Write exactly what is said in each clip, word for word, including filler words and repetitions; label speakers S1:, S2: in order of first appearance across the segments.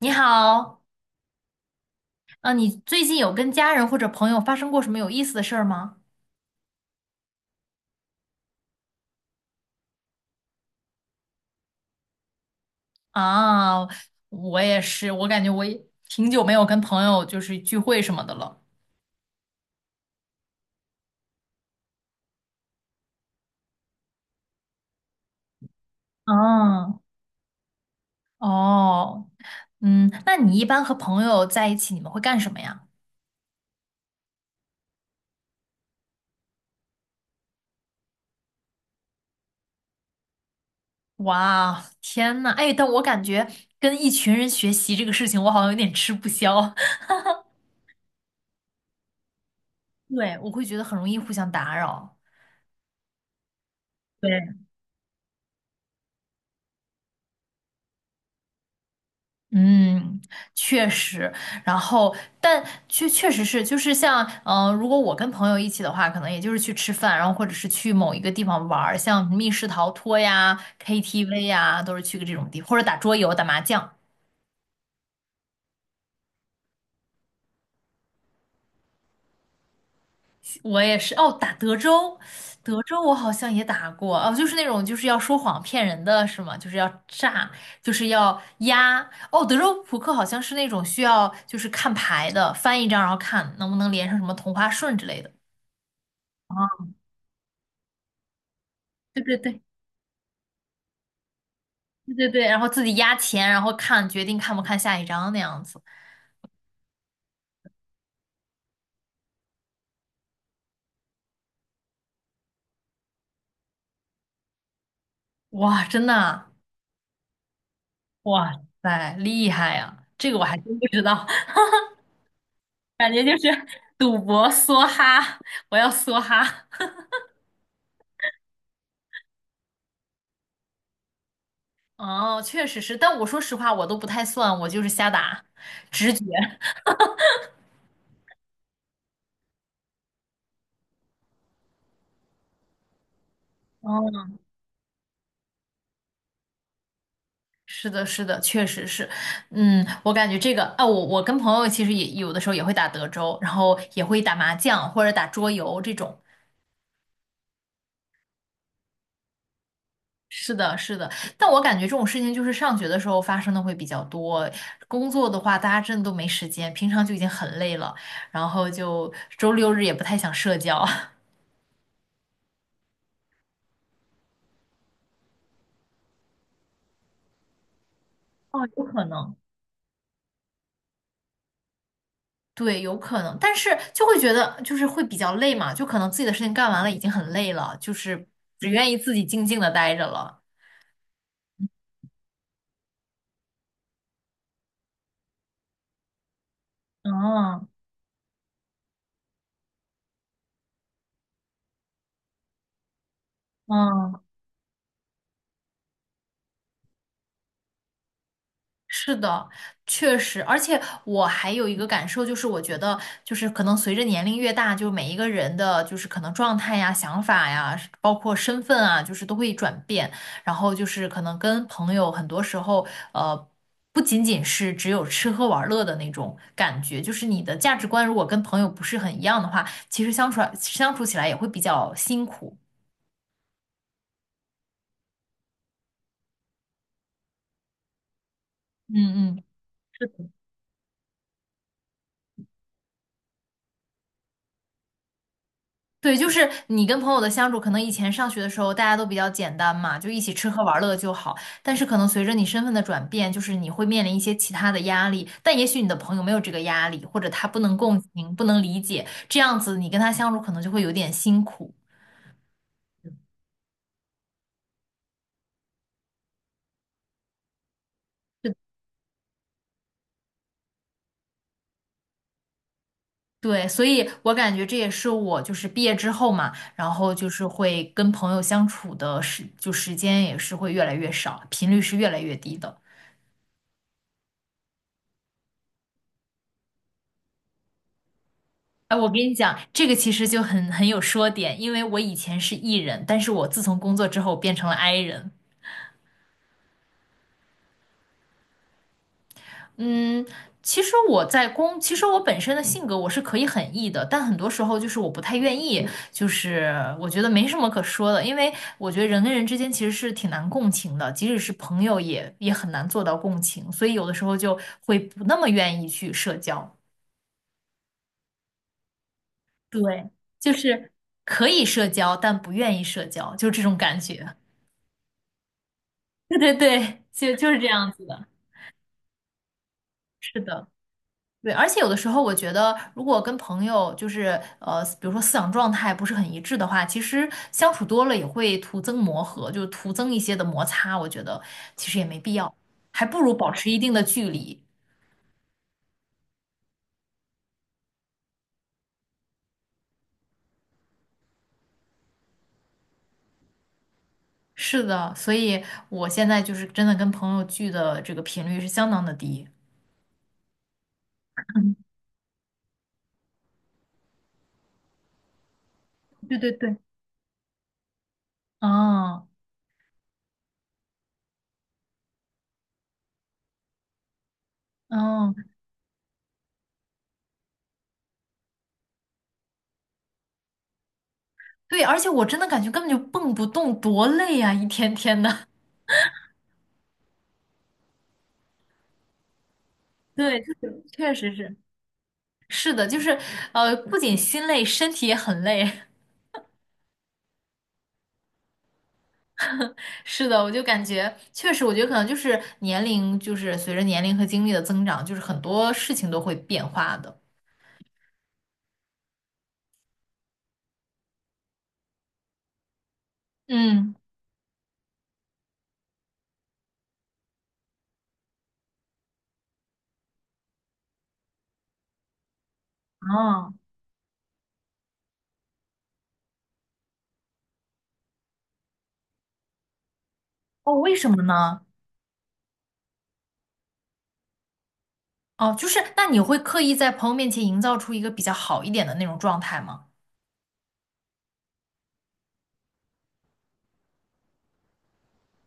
S1: 你好，呃，你最近有跟家人或者朋友发生过什么有意思的事儿吗？啊，我也是，我感觉我也挺久没有跟朋友就是聚会什么的了。嗯。哦。嗯，那你一般和朋友在一起，你们会干什么呀？哇，天呐，哎，但我感觉跟一群人学习这个事情，我好像有点吃不消。对，我会觉得很容易互相打扰。对。嗯，确实。然后但确确实是，就是像嗯、呃如果我跟朋友一起的话，可能也就是去吃饭，然后或者是去某一个地方玩儿像密室逃脱呀、K T V 呀，都是去个这种地方，或者打桌游、打麻将。我也是。哦，打德州，德州我好像也打过。哦，就是那种就是要说谎骗人的是吗？就是要诈，就是要压。哦，德州扑克好像是那种需要就是看牌的，翻一张然后看能不能连上什么同花顺之类的。啊。对对对对对对，然后自己压钱，然后看决定看不看下一张那样子。哇，真的啊。哇塞，厉害呀！这个我还真不知道。感觉就是赌博梭哈，我要梭哈。哦，确实是，但我说实话，我都不太算，我就是瞎打，直觉。哦，是的，是的，确实是。嗯，我感觉这个，啊，我我跟朋友其实也有的时候也会打德州，然后也会打麻将或者打桌游这种。是的，是的。但我感觉这种事情就是上学的时候发生的会比较多，工作的话大家真的都没时间，平常就已经很累了，然后就周六日也不太想社交。哦，有可能。对，有可能，但是就会觉得就是会比较累嘛，就可能自己的事情干完了已经很累了，就是只愿意自己静静的待着了。嗯。嗯，是的，确实。而且我还有一个感受，就是我觉得，就是可能随着年龄越大，就每一个人的，就是可能状态呀、想法呀，包括身份啊，就是都会转变。然后就是可能跟朋友，很多时候，呃，不仅仅是只有吃喝玩乐的那种感觉，就是你的价值观如果跟朋友不是很一样的话，其实相处相处起来也会比较辛苦。嗯。对，就是你跟朋友的相处，可能以前上学的时候大家都比较简单嘛，就一起吃喝玩乐就好。但是可能随着你身份的转变，就是你会面临一些其他的压力，但也许你的朋友没有这个压力，或者他不能共情、不能理解，这样子你跟他相处可能就会有点辛苦。对。对，所以我感觉这也是我就是毕业之后嘛，然后就是会跟朋友相处的时，就时间也是会越来越少，频率是越来越低的。哎，我跟你讲，这个其实就很很有说点，因为我以前是 E 人，但是我自从工作之后变成了 I 人。嗯，其实我在工，其实我本身的性格我是可以很 E 的，但很多时候就是我不太愿意，就是我觉得没什么可说的，因为我觉得人跟人之间其实是挺难共情的，即使是朋友也也很难做到共情，所以有的时候就会不那么愿意去社交。对，就是可以社交，但不愿意社交，就这种感觉。对对对，就就是这样子的。是的。对。而且有的时候，我觉得如果跟朋友就是呃，比如说思想状态不是很一致的话，其实相处多了也会徒增磨合，就是徒增一些的摩擦。我觉得其实也没必要，还不如保持一定的距离。是的，所以我现在就是真的跟朋友聚的这个频率是相当的低。对对对。嗯。嗯，对。而且我真的感觉根本就蹦不动，多累呀、一天天的。对，就是确实是。是的，就是呃，不仅心累，身体也很累。是的，我就感觉确实，我觉得可能就是年龄，就是随着年龄和经历的增长，就是很多事情都会变化的。嗯。哦。哦，为什么呢？哦，就是那你会刻意在朋友面前营造出一个比较好一点的那种状态吗？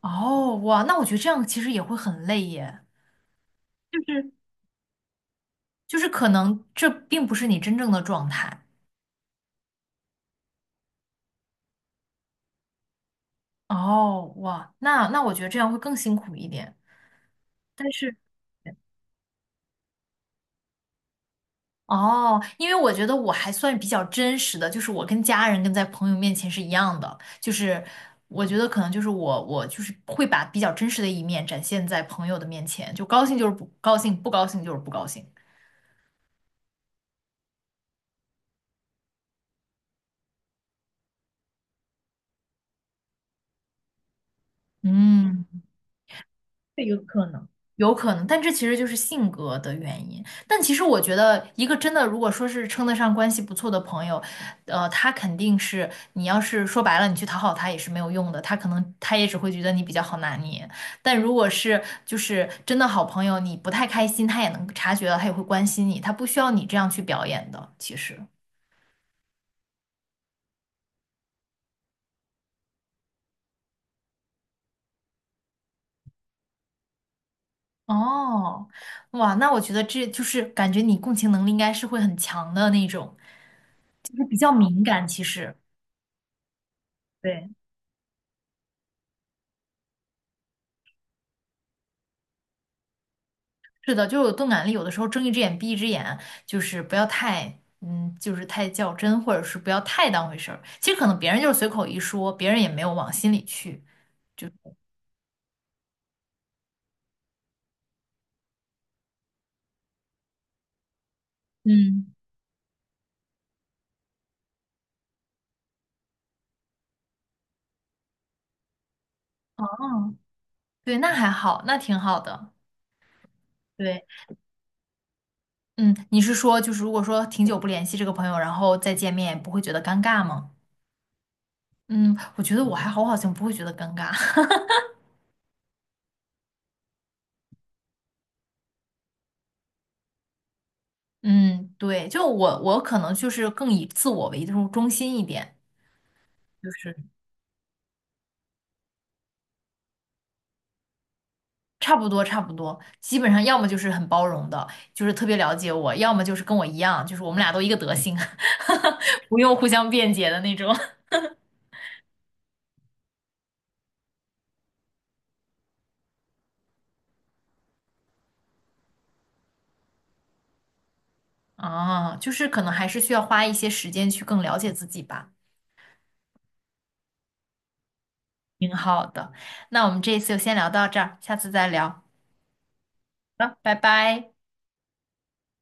S1: 哦，哇，那我觉得这样其实也会很累耶，就是就是可能这并不是你真正的状态。哦，哇，那那我觉得这样会更辛苦一点。但是。哦，因为我觉得我还算比较真实的，就是我跟家人跟在朋友面前是一样的，就是我觉得可能就是我我就是会把比较真实的一面展现在朋友的面前，就高兴就是不高兴，不高兴就是不高兴。嗯，对，有可能。有可能，但这其实就是性格的原因。但其实我觉得，一个真的如果说是称得上关系不错的朋友，呃，他肯定是你要是说白了，你去讨好他也是没有用的，他可能他也只会觉得你比较好拿捏。但如果是就是真的好朋友，你不太开心，他也能察觉到，他也会关心你，他不需要你这样去表演的。其实，哦，哇，那我觉得这就是感觉你共情能力应该是会很强的那种，就是比较敏感，其实。对。是的，就是有钝感力，有的时候睁一只眼闭一只眼，就是不要太，嗯，就是太较真，或者是不要太当回事儿。其实可能别人就是随口一说，别人也没有往心里去。就是嗯。哦，对，那还好，那挺好的。对。嗯，你是说，就是如果说挺久不联系这个朋友，然后再见面，不会觉得尴尬吗？嗯，我觉得我还好，我好像不会觉得尴尬。嗯，对，就我我可能就是更以自我为中中心一点，就是差不多，差不多，基本上要么就是很包容的，就是特别了解我，要么就是跟我一样，就是我们俩都一个德行。不用互相辩解的那种。啊，就是可能还是需要花一些时间去更了解自己吧。挺好的，那我们这一次就先聊到这儿，下次再聊。好，拜拜。